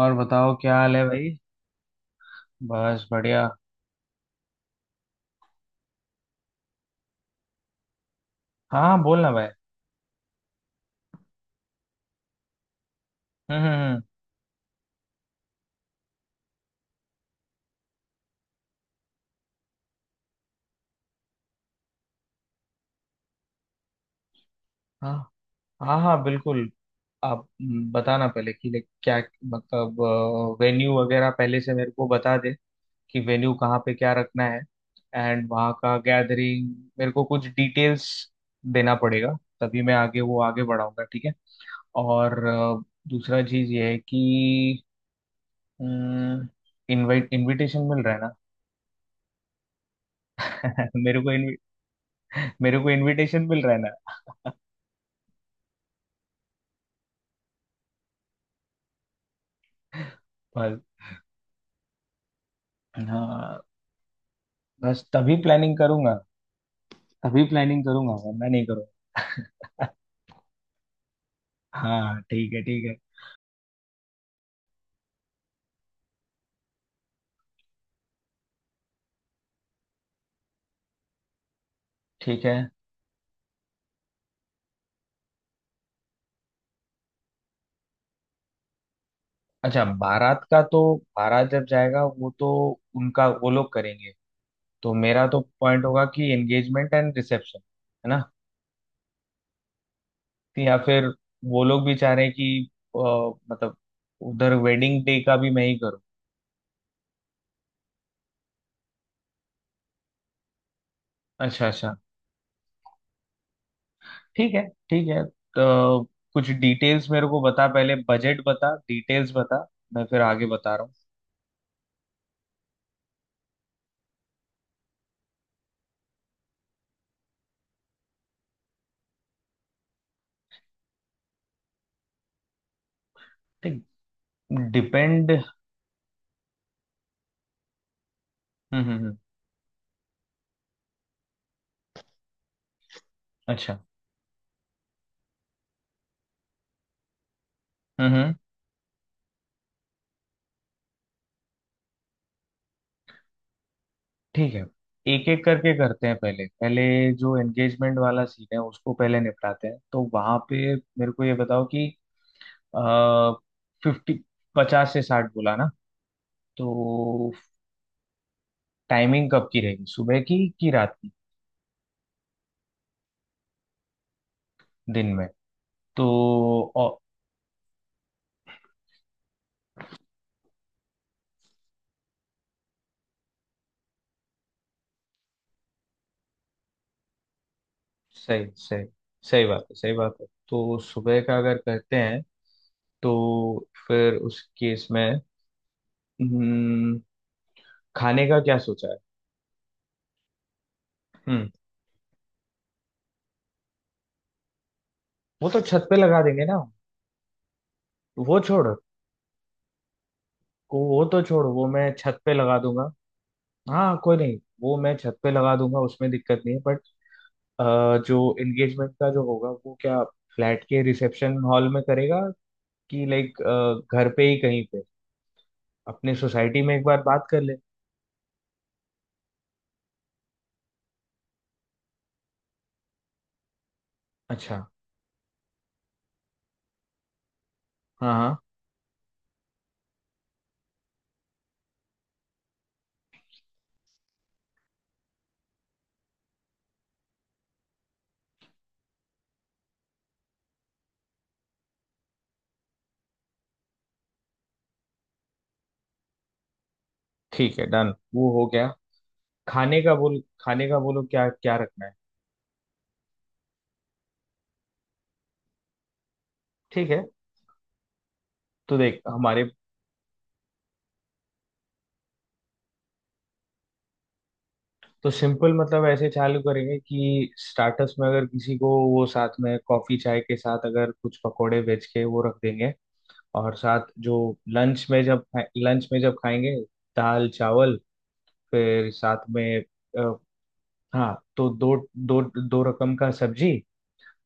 और बताओ क्या हाल है भाई। बस बढ़िया। हाँ हाँ, बोलना भाई। हम्म हम्म हम्म, हाँ हाँ हाँ बिल्कुल। आप बताना पहले कि like क्या मतलब वेन्यू वगैरह पहले से मेरे को बता दे कि वेन्यू कहाँ पे क्या रखना है। एंड वहाँ का गैदरिंग मेरे को कुछ डिटेल्स देना पड़ेगा। तभी मैं आगे वो आगे बढ़ाऊंगा ठीक है। और दूसरा चीज़ ये है कि हम्म, इनवाइट इनविटेशन मिल रहा है ना। मेरे को इनविटेशन मिल रहा है ना। हाँ बस तभी प्लानिंग करूंगा। तभी प्लानिंग करूंगा वरना नहीं करूंगा। हाँ ठीक है ठीक है ठीक है। अच्छा बारात का तो बारात जब जाएगा वो तो उनका वो लोग करेंगे। तो मेरा तो पॉइंट होगा कि एंगेजमेंट एंड रिसेप्शन है ना। या फिर वो लोग भी चाह रहे हैं कि अ, मतलब उधर वेडिंग डे का भी मैं ही करूँ। अच्छा अच्छा। ठीक है ठीक है। तो कुछ डिटेल्स मेरे को बता पहले बजट बता डिटेल्स बता। मैं फिर आगे बता रहा हूँ। डिपेंड। हम्म हम्म हम्म, अच्छा। हम्म हम्म, ठीक है। एक एक करके करते हैं पहले पहले जो एंगेजमेंट वाला सीन है उसको पहले निपटाते हैं तो वहां पे मेरे को ये बताओ कि फिफ्टी 50 से 60 बोला ना। तो टाइमिंग कब की रहेगी सुबह की कि रात की। दिन में तो ओ, सही सही सही बात है सही बात है। तो सुबह का अगर करते हैं तो फिर उस केस में हम्म, खाने का क्या सोचा है। हम्म, वो तो छत पे लगा देंगे ना। वो छोड़। वो तो छोड़ वो मैं छत पे लगा दूंगा। हाँ कोई नहीं वो मैं छत पे लगा दूंगा उसमें दिक्कत नहीं है बट जो एंगेजमेंट का जो होगा वो क्या फ्लैट के रिसेप्शन हॉल में करेगा कि लाइक घर पे ही कहीं पे अपने सोसाइटी में एक बार बात कर ले। अच्छा। हाँ हाँ। ठीक है डन वो हो गया। खाने का बोल खाने का बोलो क्या क्या रखना है। ठीक है। तो देख हमारे तो सिंपल मतलब ऐसे चालू करेंगे कि स्टार्टर्स में अगर किसी को वो साथ में कॉफी चाय के साथ अगर कुछ पकोड़े बेच के वो रख देंगे। और साथ जो लंच में जब लंच में जब खाएंगे दाल चावल फिर साथ में अ, हाँ तो दो दो दो रकम का सब्जी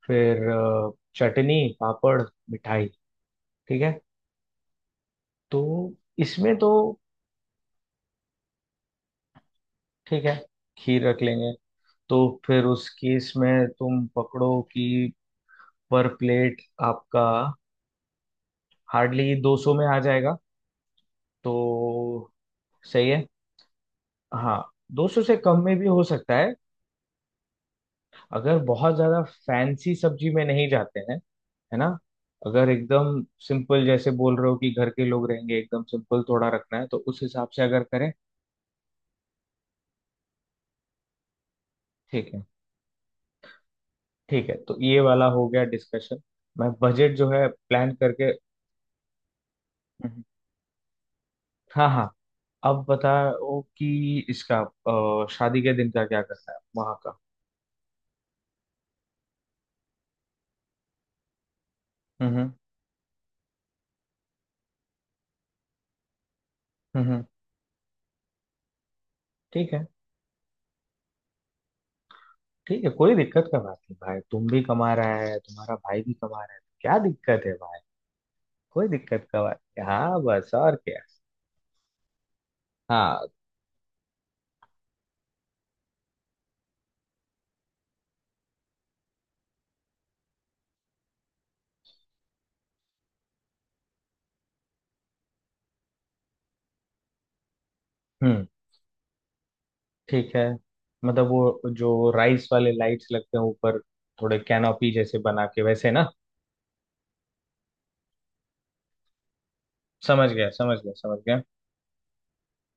फिर चटनी पापड़ मिठाई। ठीक है। तो इसमें तो ठीक है खीर रख लेंगे। तो फिर उस केस में तुम पकड़ो कि पर प्लेट आपका हार्डली 200 में आ जाएगा। तो सही है। हाँ 200 से कम में भी हो सकता है अगर बहुत ज्यादा फैंसी सब्जी में नहीं जाते हैं है ना। अगर एकदम सिंपल जैसे बोल रहे हो कि घर के लोग रहेंगे एकदम सिंपल थोड़ा रखना है तो उस हिसाब से अगर करें। ठीक है ठीक है। तो ये वाला हो गया डिस्कशन। मैं बजट जो है प्लान करके हम्म। हाँ हाँ। अब बताओ कि इसका शादी के दिन का क्या करना है वहाँ का। हम्म हम्म हम्म। ठीक है ठीक है कोई दिक्कत का बात नहीं भाई तुम भी कमा रहा है तुम्हारा भाई भी कमा रहा है तो क्या दिक्कत है भाई। कोई दिक्कत का बात नहीं। हाँ बस और क्या। हाँ। हम्म। ठीक है। मतलब वो जो राइस वाले लाइट्स लगते हैं ऊपर थोड़े कैनोपी जैसे बना के वैसे ना। समझ गया समझ गया समझ गया।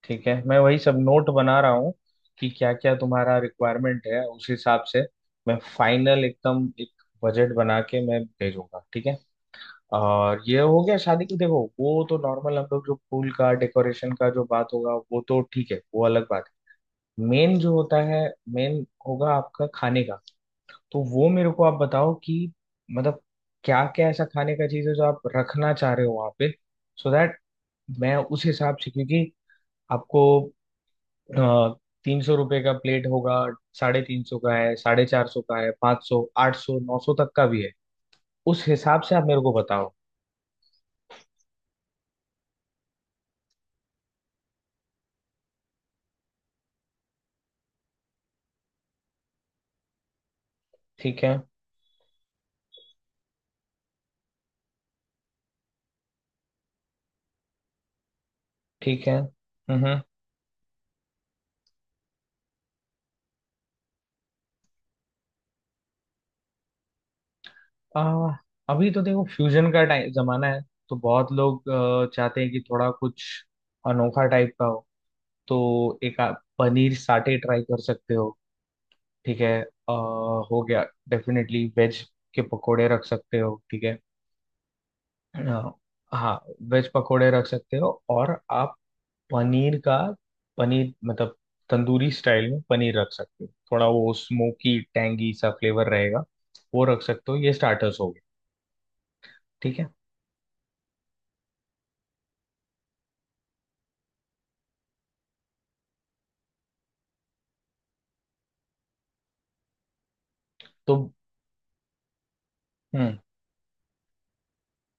ठीक है मैं वही सब नोट बना रहा हूँ कि क्या क्या तुम्हारा रिक्वायरमेंट है उस हिसाब से मैं फाइनल एकदम एक बजट बना के मैं भेजूंगा। ठीक है। और ये हो गया शादी की देखो वो तो नॉर्मल हम लोग जो फूल का डेकोरेशन का जो बात होगा वो तो ठीक है वो अलग बात है। मेन जो होता है मेन होगा आपका खाने का। तो वो मेरे को आप बताओ कि मतलब क्या क्या ऐसा खाने का चीज है जो आप रखना चाह रहे हो वहां पे सो दैट मैं उस हिसाब से क्योंकि आपको 300 रुपये का प्लेट होगा 350 का है 450 का है 500 800 900 तक का भी है। उस हिसाब से आप मेरे को बताओ। ठीक है ठीक है। आ, अभी तो देखो फ्यूजन का टाइम जमाना है। तो बहुत लोग चाहते हैं कि थोड़ा कुछ अनोखा टाइप का हो। तो एक आप पनीर साटे ट्राई कर सकते हो। ठीक है। हो गया डेफिनेटली वेज के पकोड़े रख सकते हो। ठीक है। आ, हाँ वेज पकोड़े रख सकते हो और आप पनीर का पनीर मतलब तंदूरी स्टाइल में पनीर रख सकते हो थोड़ा वो स्मोकी टैंगी सा फ्लेवर रहेगा। वो रख सकते हो ये स्टार्टर्स हो गए। ठीक है। तो हम्म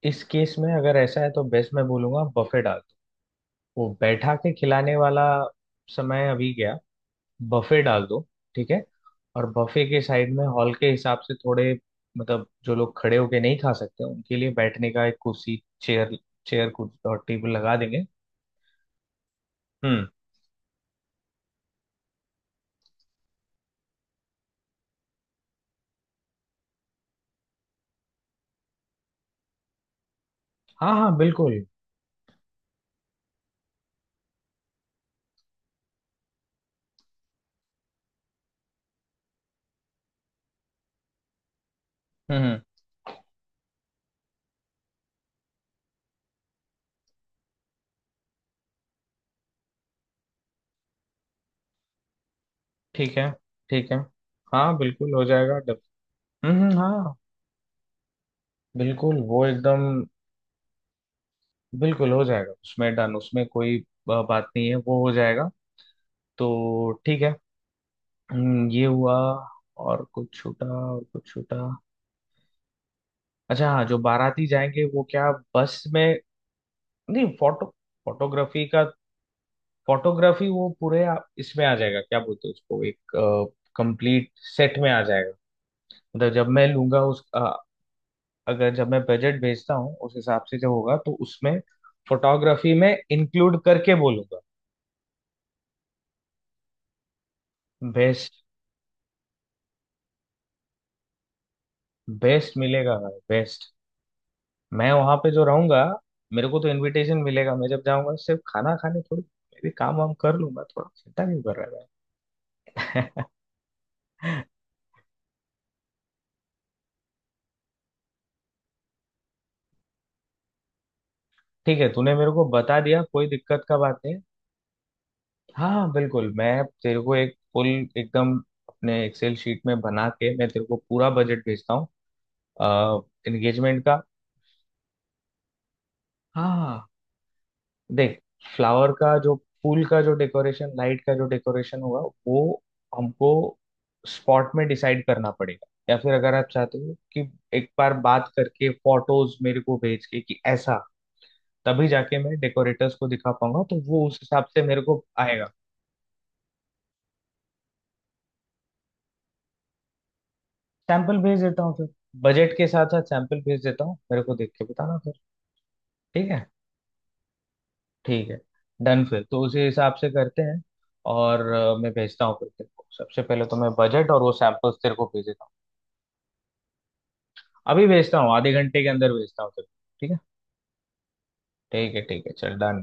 इस केस में अगर ऐसा है तो बेस्ट मैं बोलूंगा बफे डाल दो। वो बैठा के खिलाने वाला समय अभी गया। बफे डाल दो। ठीक है। और बफे के साइड में हॉल के हिसाब से थोड़े मतलब जो लोग खड़े होके नहीं खा सकते उनके लिए बैठने का एक कुर्सी चेयर चेयर कुर्सी और टेबल लगा देंगे। हम्म। हाँ हाँ बिल्कुल। हम्म हम्म, ठीक है। ठीक है। हाँ बिल्कुल हो जाएगा। हाँ। बिल्कुल वो एकदम बिल्कुल हो जाएगा उसमें डन उसमें कोई बात नहीं है वो हो जाएगा। तो ठीक है। ये हुआ। और कुछ छूटा और कुछ छूटा। अच्छा हाँ जो बाराती जाएंगे वो क्या बस में नहीं फोटोग्राफी का। फोटोग्राफी वो पूरे इसमें आ जाएगा क्या बोलते हैं उसको एक कंप्लीट सेट में आ जाएगा। मतलब जब मैं लूंगा उस अगर जब मैं बजट भेजता हूँ उस हिसाब से जो होगा तो उसमें फोटोग्राफी में इंक्लूड करके बोलूंगा। बेस्ट। बेस्ट मिलेगा भाई बेस्ट। मैं वहां पे जो रहूंगा मेरे को तो इनविटेशन मिलेगा मैं जब जाऊंगा सिर्फ खाना खाने थोड़ी मैं भी काम वाम कर लूंगा थोड़ा चिंता क्यों कर रहा है भाई? ठीक है तूने मेरे को बता दिया कोई दिक्कत का बात नहीं। हाँ बिल्कुल मैं तेरे को एक फुल एकदम अपने एक्सेल शीट में बना के मैं तेरे को पूरा बजट भेजता हूँ एंगेजमेंट का। हाँ हाँ, देख फ्लावर का जो फूल का जो डेकोरेशन लाइट का जो डेकोरेशन होगा वो हमको स्पॉट में डिसाइड करना पड़ेगा या फिर अगर आप चाहते हो कि एक बार बात करके फोटोज मेरे को भेज के कि ऐसा तभी जाके मैं डेकोरेटर्स को दिखा पाऊंगा तो वो उस हिसाब से मेरे को आएगा। सैंपल भेज देता हूँ फिर बजट के साथ साथ सैंपल भेज देता हूँ मेरे को देख के बताना फिर। ठीक है। ठीक है डन फिर तो उसी हिसाब से करते हैं। और मैं भेजता हूँ फिर तेरे को सबसे पहले तो मैं बजट और वो सैंपल्स तेरे को भेज देता हूँ। अभी भेजता हूँ आधे घंटे के अंदर भेजता हूँ तेरे को। ठीक है ठीक है ठीक है चल डन।